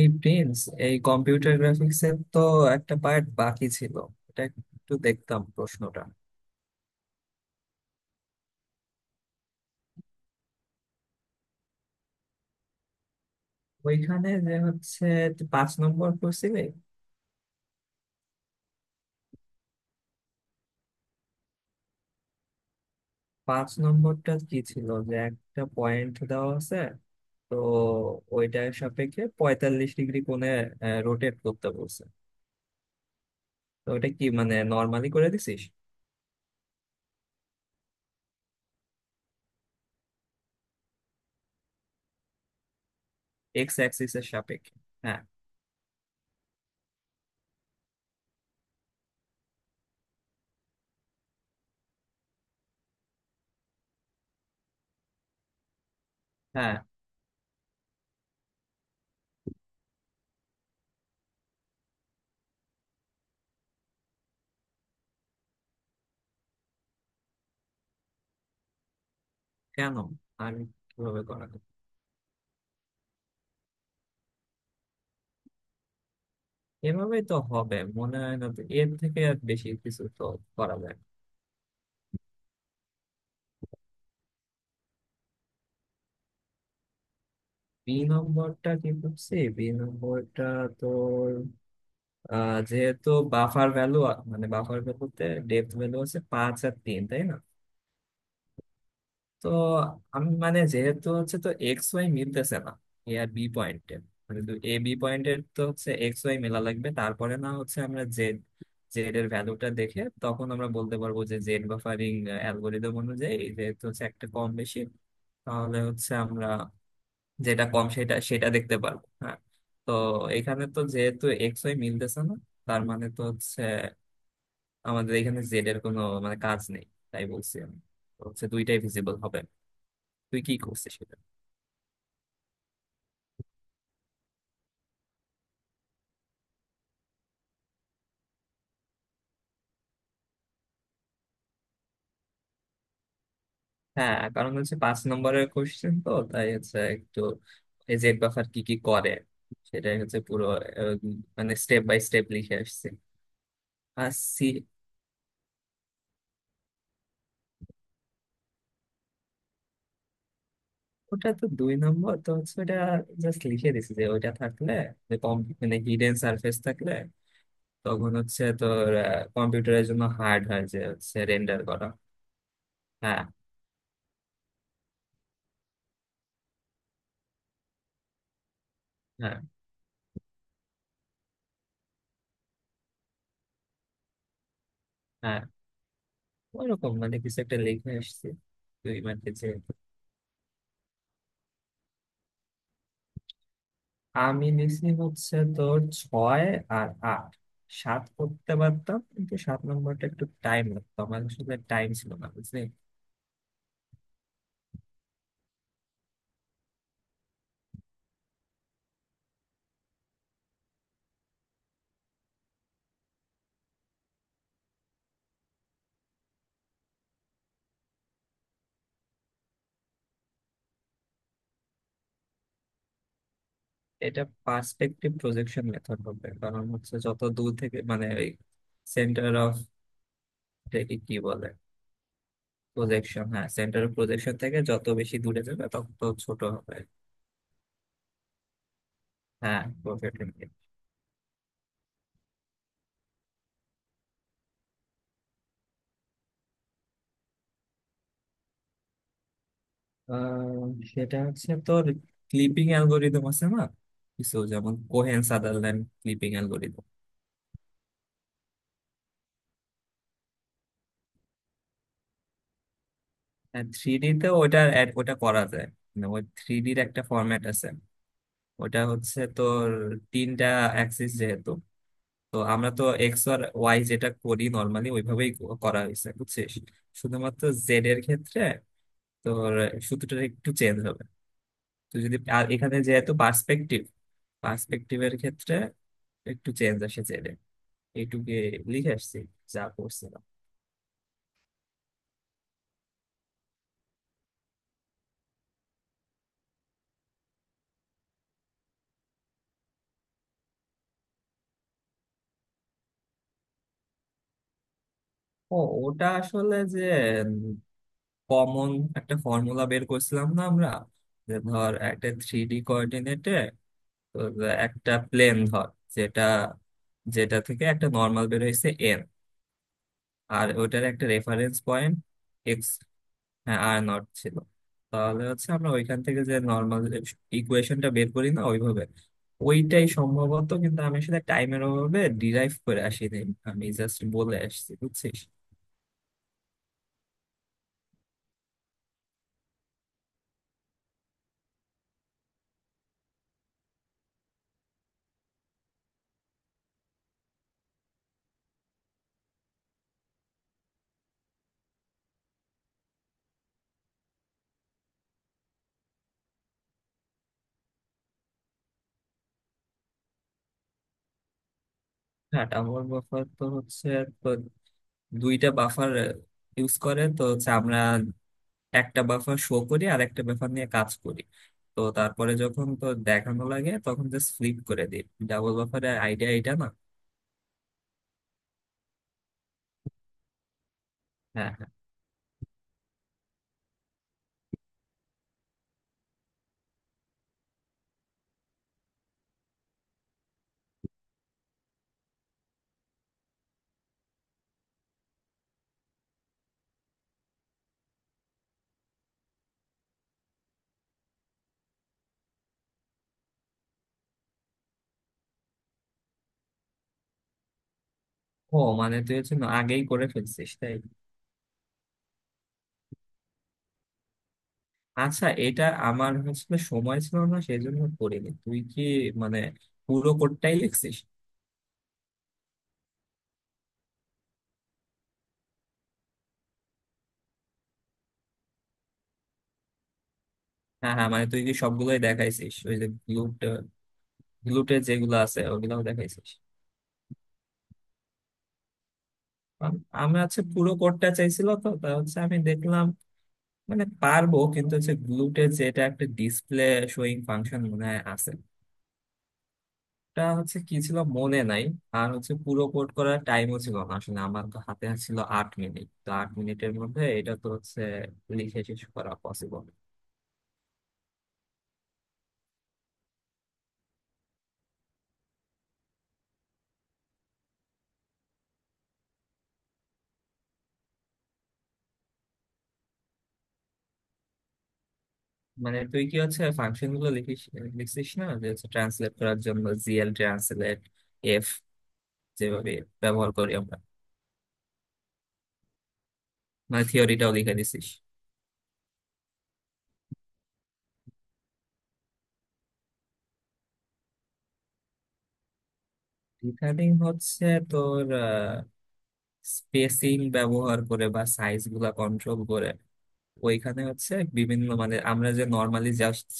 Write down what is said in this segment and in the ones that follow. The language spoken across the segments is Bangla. এই প্রিন্স, এই কম্পিউটার গ্রাফিক্স এর তো একটা পার্ট বাকি ছিল, এটা একটু দেখতাম প্রশ্নটা। ওইখানে যে হচ্ছে তুই পাঁচ নম্বর করছিলি। পাঁচ নম্বরটা কি ছিল যে একটা পয়েন্ট দেওয়া আছে, তো ওইটার সাপেক্ষে 45 ডিগ্রি কোণে রোটেট করতে বলছে। তো ওটা কি মানে নর্মালি করে দিছিস? এক্স অ্যাক্সিস এর সাপেক্ষে, হ্যাঁ, হ্যাঁ। কেন? আমি কিভাবে করা যায়? এভাবেই তো হবে মনে হয়, না তো এর থেকে আর বেশি কিছু তো করা যায় না। বি নম্বরটা কি করছি? বি নম্বরটা তোর যেহেতু বাফার ভ্যালু, মানে বাফার ভ্যালুতে ডেপথ ভ্যালু হচ্ছে পাঁচ আর তিন, তাই না? তো আমি মানে যেহেতু হচ্ছে তো এক্স ওয়াই মিলতেছে না এ আর বি পয়েন্টে, মানে এ বি পয়েন্টের তো হচ্ছে এক্স ওয়াই মেলা লাগবে, তারপরে না হচ্ছে আমরা জেড, জেড এর ভ্যালুটা দেখে তখন আমরা বলতে পারবো যে জেড বাফারিং অ্যালগোরিদম অনুযায়ী যেহেতু হচ্ছে একটা কম বেশি, তাহলে হচ্ছে আমরা যেটা কম সেটা সেটা দেখতে পারবো। হ্যাঁ। তো এখানে তো যেহেতু এক্স ওয়াই মিলতেছে না, তার মানে তো হচ্ছে আমাদের এখানে জেড এর কোনো মানে কাজ নেই, তাই বলছি আমি। তো হচ্ছে দুইটাই ভিজিবল হবে। তুই কি করছিস সেটা? হ্যাঁ, কারণ হচ্ছে পাঁচ নম্বরের কোশ্চেন তো, তাই হচ্ছে একটু এই জেড বাফার কি কি করে সেটাই হচ্ছে পুরো। আহ, মানে স্টেপ বাই স্টেপ লিখে আসছি। আর সি, ওটা তো দুই নম্বর, তো হচ্ছে ওটা জাস্ট লিখে দিছি যে ওইটা থাকলে কম, মানে হিডেন সারফেস থাকলে তখন হচ্ছে তোর কম্পিউটারের জন্য হার্ড হয় যে হচ্ছে রেন্ডার করা। হ্যাঁ, হ্যাঁ, হ্যাঁ। ওইরকম মানে কিছু একটা লিখে আসছি দুই মার্কের যে। আমি নিছি হচ্ছে তোর ছয় আর আট, সাত করতে পারতাম কিন্তু সাত নম্বরটা একটু টাইম লাগতো, আমার আসলে টাইম ছিল না বুঝলি। এটা পার্সপেক্টিভ প্রজেকশন মেথড হবে, কারণ হচ্ছে যত দূর থেকে মানে ওই সেন্টার অফ কি বলে প্রজেকশন, হ্যাঁ সেন্টার অফ প্রজেকশন থেকে যত বেশি দূরে যাবে তত ছোট হবে। হ্যাঁ প্রোফেটিং। সেটা হচ্ছে তোর ক্লিপিং অ্যালগোরিদম আছে না কিছু, যেমন কোহেন সাদারল্যান্ড ক্লিপিং অ্যালগোরিদম। হ্যাঁ, থ্রি ডি তে ওটা ওটা করা যায়। মানে ওই থ্রি ডির একটা ফরম্যাট আছে। ওটা হচ্ছে তোর তিনটা অ্যাক্সিস যেহেতু, তো আমরা তো এক্স আর ওয়াই যেটা করি নর্মালি ওইভাবেই করা হয়েছে বুঝছিস। শুধুমাত্র জেড এর ক্ষেত্রে তোর সূত্রটা একটু চেঞ্জ হবে। তো যদি আর এখানে যেহেতু পার্সপেক্টিভ, পার্সপেক্টিভের ক্ষেত্রে একটু চেঞ্জ আসে জেড এইটুকে, লিখে আসছি যা করছিলাম। ও, ওটা আসলে যে কমন একটা ফর্মুলা বের করছিলাম না আমরা, যে ধর একটা থ্রি ডি কোঅর্ডিনেটে একটা প্লেন ধর, যেটা যেটা থেকে একটা নর্মাল বের হয়েছে এন, আর ওটার একটা রেফারেন্স পয়েন্ট এক্স, হ্যাঁ আর নট ছিল, তাহলে হচ্ছে আমরা ওইখান থেকে যে নর্মাল ইকুয়েশনটা বের করি না ওইভাবে, ওইটাই সম্ভবত কিন্তু আমি আসলে টাইমের অভাবে ডিরাইভ করে আসিনি, আমি জাস্ট বলে আসছি বুঝছিস। হ্যাঁ টাম্বল বাফার তো হচ্ছে, তো দুইটা বাফার ইউজ করে তো হচ্ছে আমরা, একটা বাফার শো করি আর একটা বাফার নিয়ে কাজ করি, তো তারপরে যখন তো দেখানো লাগে তখন জাস্ট ফ্লিপ করে দিই। ডাবল বাফারের আইডিয়া এটা না? হ্যাঁ, হ্যাঁ। ও, মানে তুই হচ্ছে না আগেই করে ফেলছিস তাই। আচ্ছা এটা আমার আসলে সময় ছিল না সেই জন্য করিনি, তুই কি মানে পুরো কোডটাই লিখছিস? হ্যাঁ, হ্যাঁ, মানে তুই কি সবগুলোই দেখাইছিস ওই যে গ্লুট, গ্লুটে যেগুলো আছে ওগুলাও দেখাইছিস? আমি হচ্ছে পুরো কোডটা চাইছিল, তো তা হচ্ছে আমি দেখলাম মানে পারবো কিন্তু হচ্ছে গ্লুটে যেটা একটা ডিসপ্লে শোয়িং ফাংশন মনে হয় আছে, এটা হচ্ছে কি ছিল মনে নাই। আর হচ্ছে পুরো কোড করার টাইমও ছিল না আসলে, আমার তো হাতে ছিল 8 মিনিট, তো 8 মিনিটের মধ্যে এটা তো হচ্ছে লিখে শেষ করা পসিবল। মানে তুই কি হচ্ছে ফাংশন গুলো লিখিস, লিখছিস না যে হচ্ছে ট্রান্সলেট করার জন্য জিএল ট্রান্সলেট এফ যেভাবে ব্যবহার করি আমরা? মানে থিওরিটাও লিখে দিছিস। রিগার্ডিং হচ্ছে তোর স্পেসিং ব্যবহার করে বা সাইজ গুলা কন্ট্রোল করে, ওইখানে হচ্ছে বিভিন্ন মানে আমরা যে নর্মালি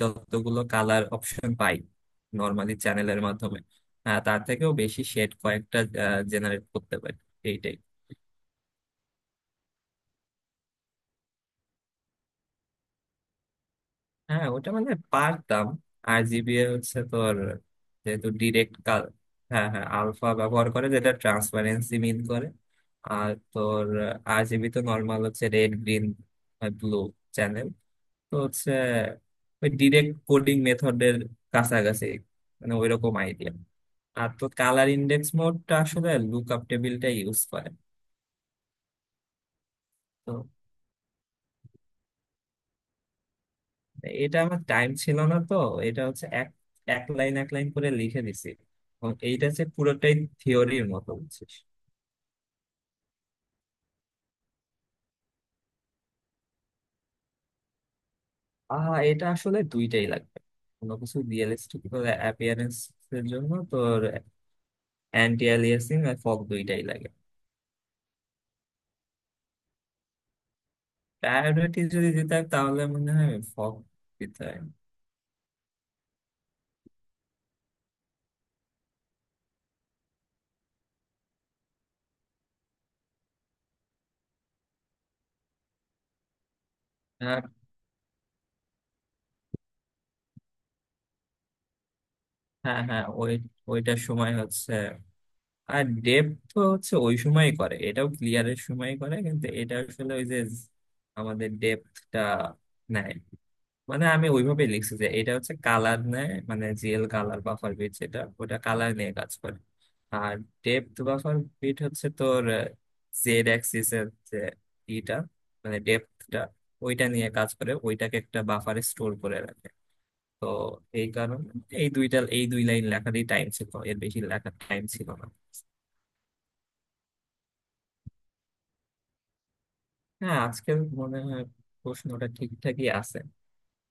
যতগুলো কালার অপশন পাই নর্মালি চ্যানেলের মাধ্যমে, তার থেকেও বেশি শেড কয়েকটা জেনারেট করতে পারি এইটাই। হ্যাঁ ওটা মানে পারতাম, আর জিবিএ হচ্ছে তোর যেহেতু ডিরেক্ট কাল, হ্যাঁ, হ্যাঁ আলফা ব্যবহার করে যেটা ট্রান্সপারেন্সি মিন করে। আর তোর আরজিবি তো নর্মাল হচ্ছে রেড গ্রিন ব্লু চ্যানেল, তো হচ্ছে ওই ডিরেক্ট কোডিং মেথডের কাছাকাছি, মানে ওইরকম আইডিয়া। আর তো কালার ইন্ডেক্স মোডটা আসলে লুকআপ টেবিলটা ইউজ করে। এটা আমার টাইম ছিল না তো, এটা হচ্ছে এক এক লাইন এক লাইন করে লিখে দিছি, এবং এইটা হচ্ছে পুরোটাই থিওরির মতো বুঝছিস। এটা আসলে দুইটাই লাগবে, কোনো কিছু রিয়েলিস্টিক অ্যাপিয়ারেন্স এর জন্য তোর অ্যান্টি অ্যালিয়াসিং আর ফগ দুইটাই লাগে। প্রায়োরিটি যদি দিতে হয় তাহলে মনে হয় ফগ দিতে হয়। আর হ্যাঁ, হ্যাঁ, ওইটার সময় হচ্ছে, আর ডেপ তো হচ্ছে ওই সময়ই করে, এটাও ক্লিয়ারের সময় করে কিন্তু এটা আসলে ওই যে আমাদের ডেপথটা নেয়। মানে আমি ওইভাবে লিখছি যে এটা হচ্ছে কালার নেয়, মানে জিএল কালার বাফার বিট যেটা ওটা কালার নিয়ে কাজ করে, আর ডেপথ বাফার বিট হচ্ছে তোর জেড অ্যাক্সিস এর যে ইটা, মানে ডেপথটা ওইটা নিয়ে কাজ করে, ওইটাকে একটা বাফারে স্টোর করে রাখে। তো এই কারণে এই দুই লাইন লেখারই টাইম ছিল, এর বেশি লেখার টাইম ছিল না। হ্যাঁ আজকের মনে হয় প্রশ্নটা ঠিকঠাকই আছে।